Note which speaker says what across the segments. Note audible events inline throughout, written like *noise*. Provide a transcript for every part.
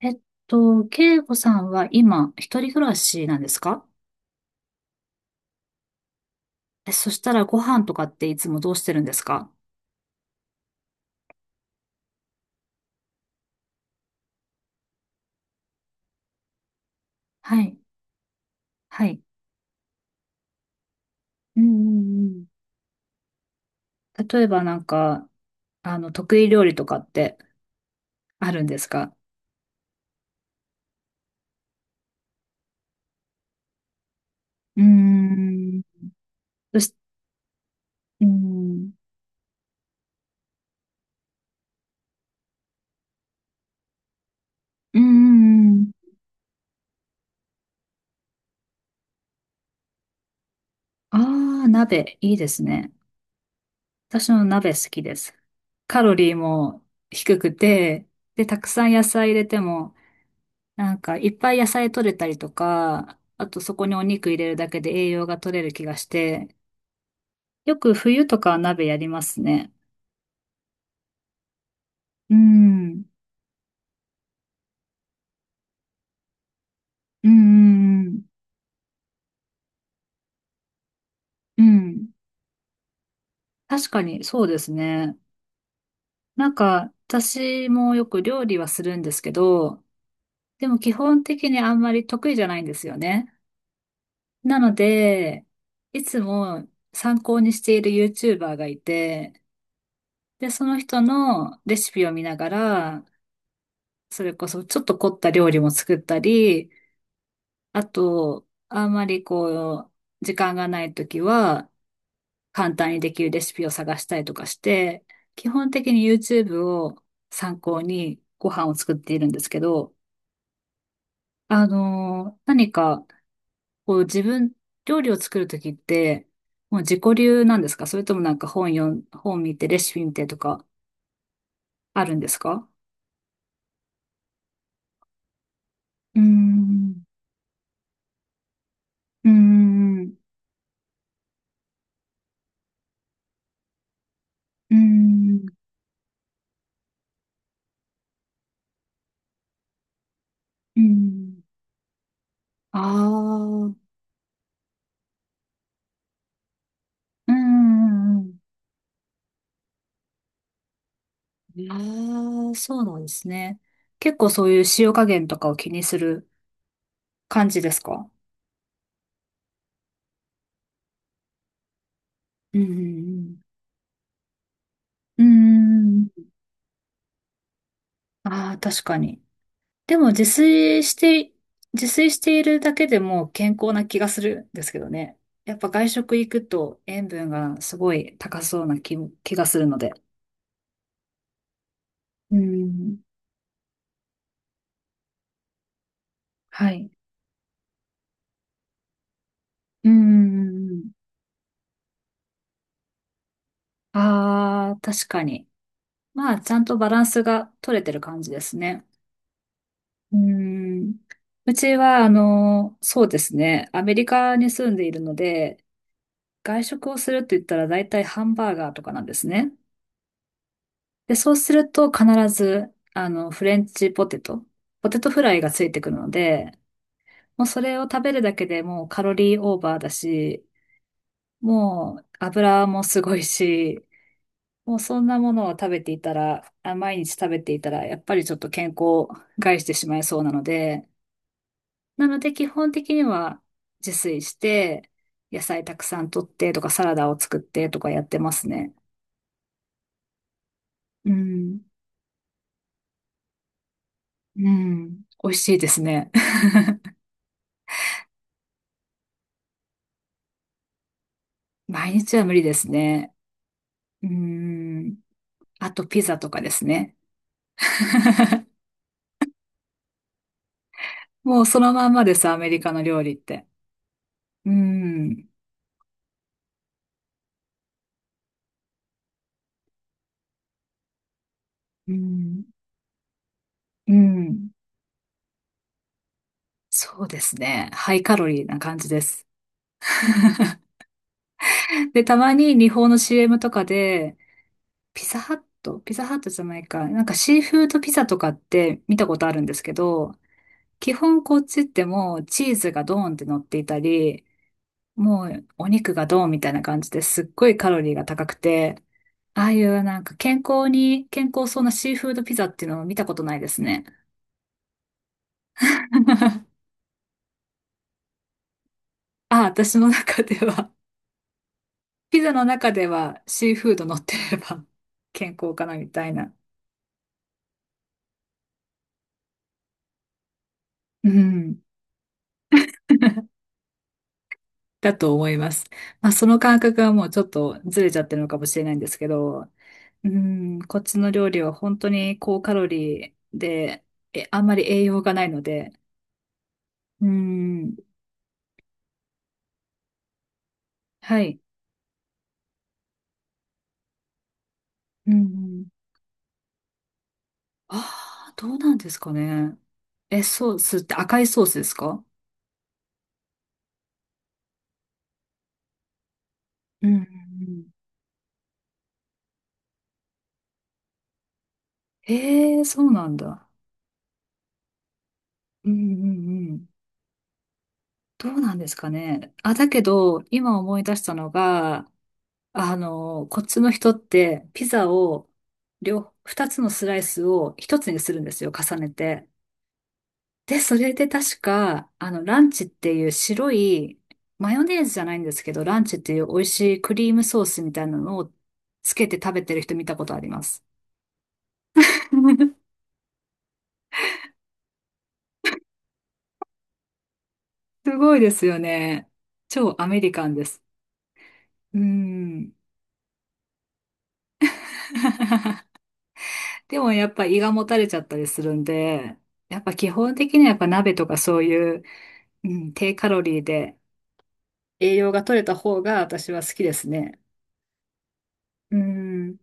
Speaker 1: えっ慶子さんは今、一人暮らしなんですか？え、そしたらご飯とかっていつもどうしてるんですか？はい。はい。うんうんうん。例えば得意料理とかってあるんですか？うーん。そし、うーん。うんうんうん。ああ、鍋、いいですね。私も鍋好きです。カロリーも低くて、で、たくさん野菜入れても、いっぱい野菜取れたりとか、あとそこにお肉入れるだけで栄養が取れる気がして、よく冬とかは鍋やりますね。うん。うんうんうん。うん。確かに、そうですね。私もよく料理はするんですけど、でも基本的にあんまり得意じゃないんですよね。なので、いつも参考にしている YouTuber がいて、で、その人のレシピを見ながら、それこそちょっと凝った料理も作ったり、あと、あんまり時間がないときは、簡単にできるレシピを探したりとかして、基本的に YouTube を参考にご飯を作っているんですけど、何か、こう自分、料理を作るときって、もう自己流なんですか、それとも本読ん、本見てレシピ見てとかあるんですか？うーん、うーん、うーん、うーん。ああ、うんうんうん。ああ、そうなんですね。結構そういう塩加減とかを気にする感じですか？うんうんうんうーん。ああ、確かに。でも自炊しているだけでも健康な気がするんですけどね。やっぱ外食行くと塩分がすごい高そうな気がするので。うん。はい。うんうんうんうん。ああ、確かに。まあ、ちゃんとバランスが取れてる感じですね。うん。うちは、そうですね。アメリカに住んでいるので、外食をするって言ったら大体ハンバーガーとかなんですね。で、そうすると必ず、フレンチポテト、ポテトフライがついてくるので、もうそれを食べるだけでもうカロリーオーバーだし、もう油もすごいし、もうそんなものを食べていたら、あ、毎日食べていたら、やっぱりちょっと健康を害してしまいそうなので、なので基本的には自炊して、野菜たくさん取ってとかサラダを作ってとかやってますね。うん。うん。美味しいですね。*laughs* 毎日は無理ですね。うん。あとピザとかですね。*laughs* もうそのまんまです、アメリカの料理って。うん。うん。うん。そうですね。ハイカロリーな感じです。で、たまに日本の CM とかで、ピザハット、ピザハットじゃないか、シーフードピザとかって見たことあるんですけど、基本こっちってもうチーズがドーンって乗っていたり、もうお肉がドーンみたいな感じですっごいカロリーが高くて、ああいう健康そうなシーフードピザっていうのを見たことないですね。*laughs* あ、私の中では、ピザの中ではシーフード乗ってれば健康かなみたいな。うん。だと思います。まあ、その感覚はもうちょっとずれちゃってるのかもしれないんですけど、うん、こっちの料理は本当に高カロリーで、あんまり栄養がないので、うん、はい。うん、ああ、どうなんですかね。え、ソースって赤いソースですか？うん、うんうん、へえ、そうなんだ。うん、うん、うん。どうなんですかね。あ、だけど、今思い出したのが、こっちの人って、ピザを、二つのスライスを一つにするんですよ、重ねて。で、それで確か、ランチっていう白い、マヨネーズじゃないんですけど、ランチっていう美味しいクリームソースみたいなのをつけて食べてる人見たことあります。*laughs* すごいですよね。超アメリカンです。うん。でもやっぱ胃がもたれちゃったりするんで、やっぱ基本的にはやっぱ鍋とかそういう、うん、低カロリーで、栄養が取れた方が私は好きですね。うん。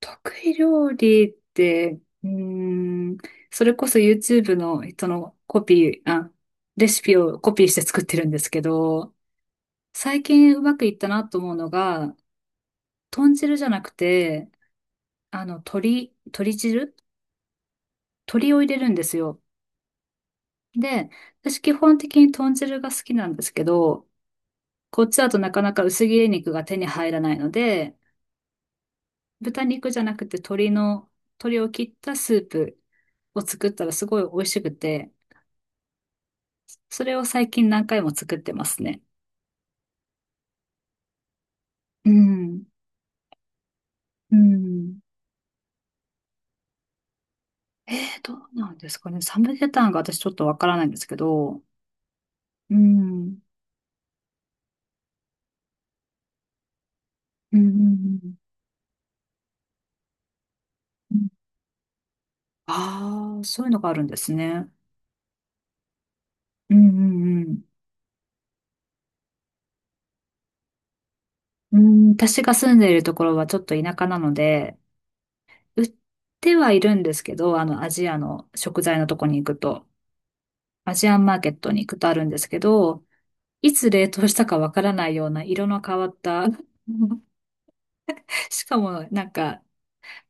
Speaker 1: 得意料理って、うん。それこそ YouTube の人のコピー、あ、レシピをコピーして作ってるんですけど、最近うまくいったなと思うのが、豚汁じゃなくて、鶏汁、鶏を入れるんですよ。で、私基本的に豚汁が好きなんですけど、こっちだとなかなか薄切り肉が手に入らないので、豚肉じゃなくて鶏を切ったスープを作ったらすごい美味しくて、それを最近何回も作ってますね。うん。うん。えどうなんですかね。サムゲタンが私ちょっとわからないんですけど。うん。うんうんうんうん。ああ、そういうのがあるんですね。うんうんうん。うん、私が住んでいるところはちょっと田舎なので、売ってはいるんですけど、アジアの食材のとこに行くと、アジアンマーケットに行くとあるんですけど、いつ冷凍したかわからないような色の変わった *laughs* しかも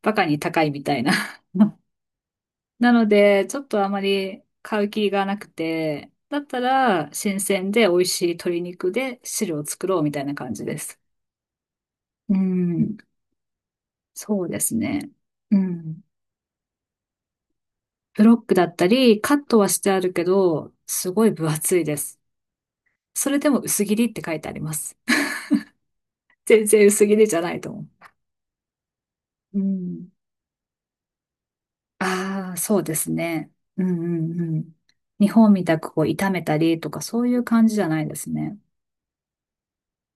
Speaker 1: バカに高いみたいな。 *laughs* なので、ちょっとあまり買う気がなくて、だったら新鮮で美味しい鶏肉で汁を作ろうみたいな感じです。うん、そうですね。うん。ブロックだったり、カットはしてあるけど、すごい分厚いです。それでも薄切りって書いてあります。*laughs* 全然薄切りじゃないと思う。うん、ああ、そうですね。うんうんうん。日本みたくこう炒めたりとかそういう感じじゃないですね。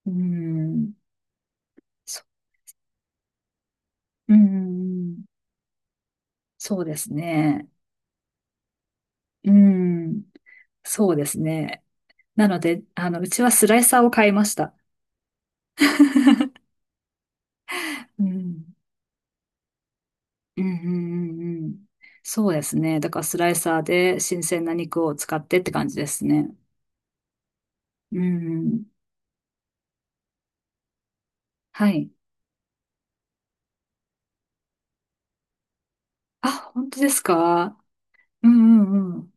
Speaker 1: うん。そ、うん、そうですね。うん。そうですね。なので、うちはスライサーを買いました。*laughs* うん。うんうんうんうん。そうですね。だからスライサーで新鮮な肉を使ってって感じですね。うん。はい。あ、本当ですか？うんうんうん。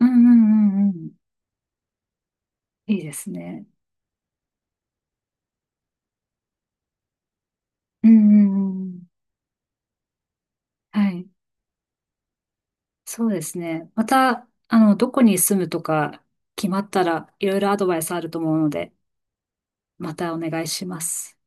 Speaker 1: うんうんうんうん。いいですね。うんうんうん。はい。そうですね。また、どこに住むとか決まったらいろいろアドバイスあると思うので、またお願いします。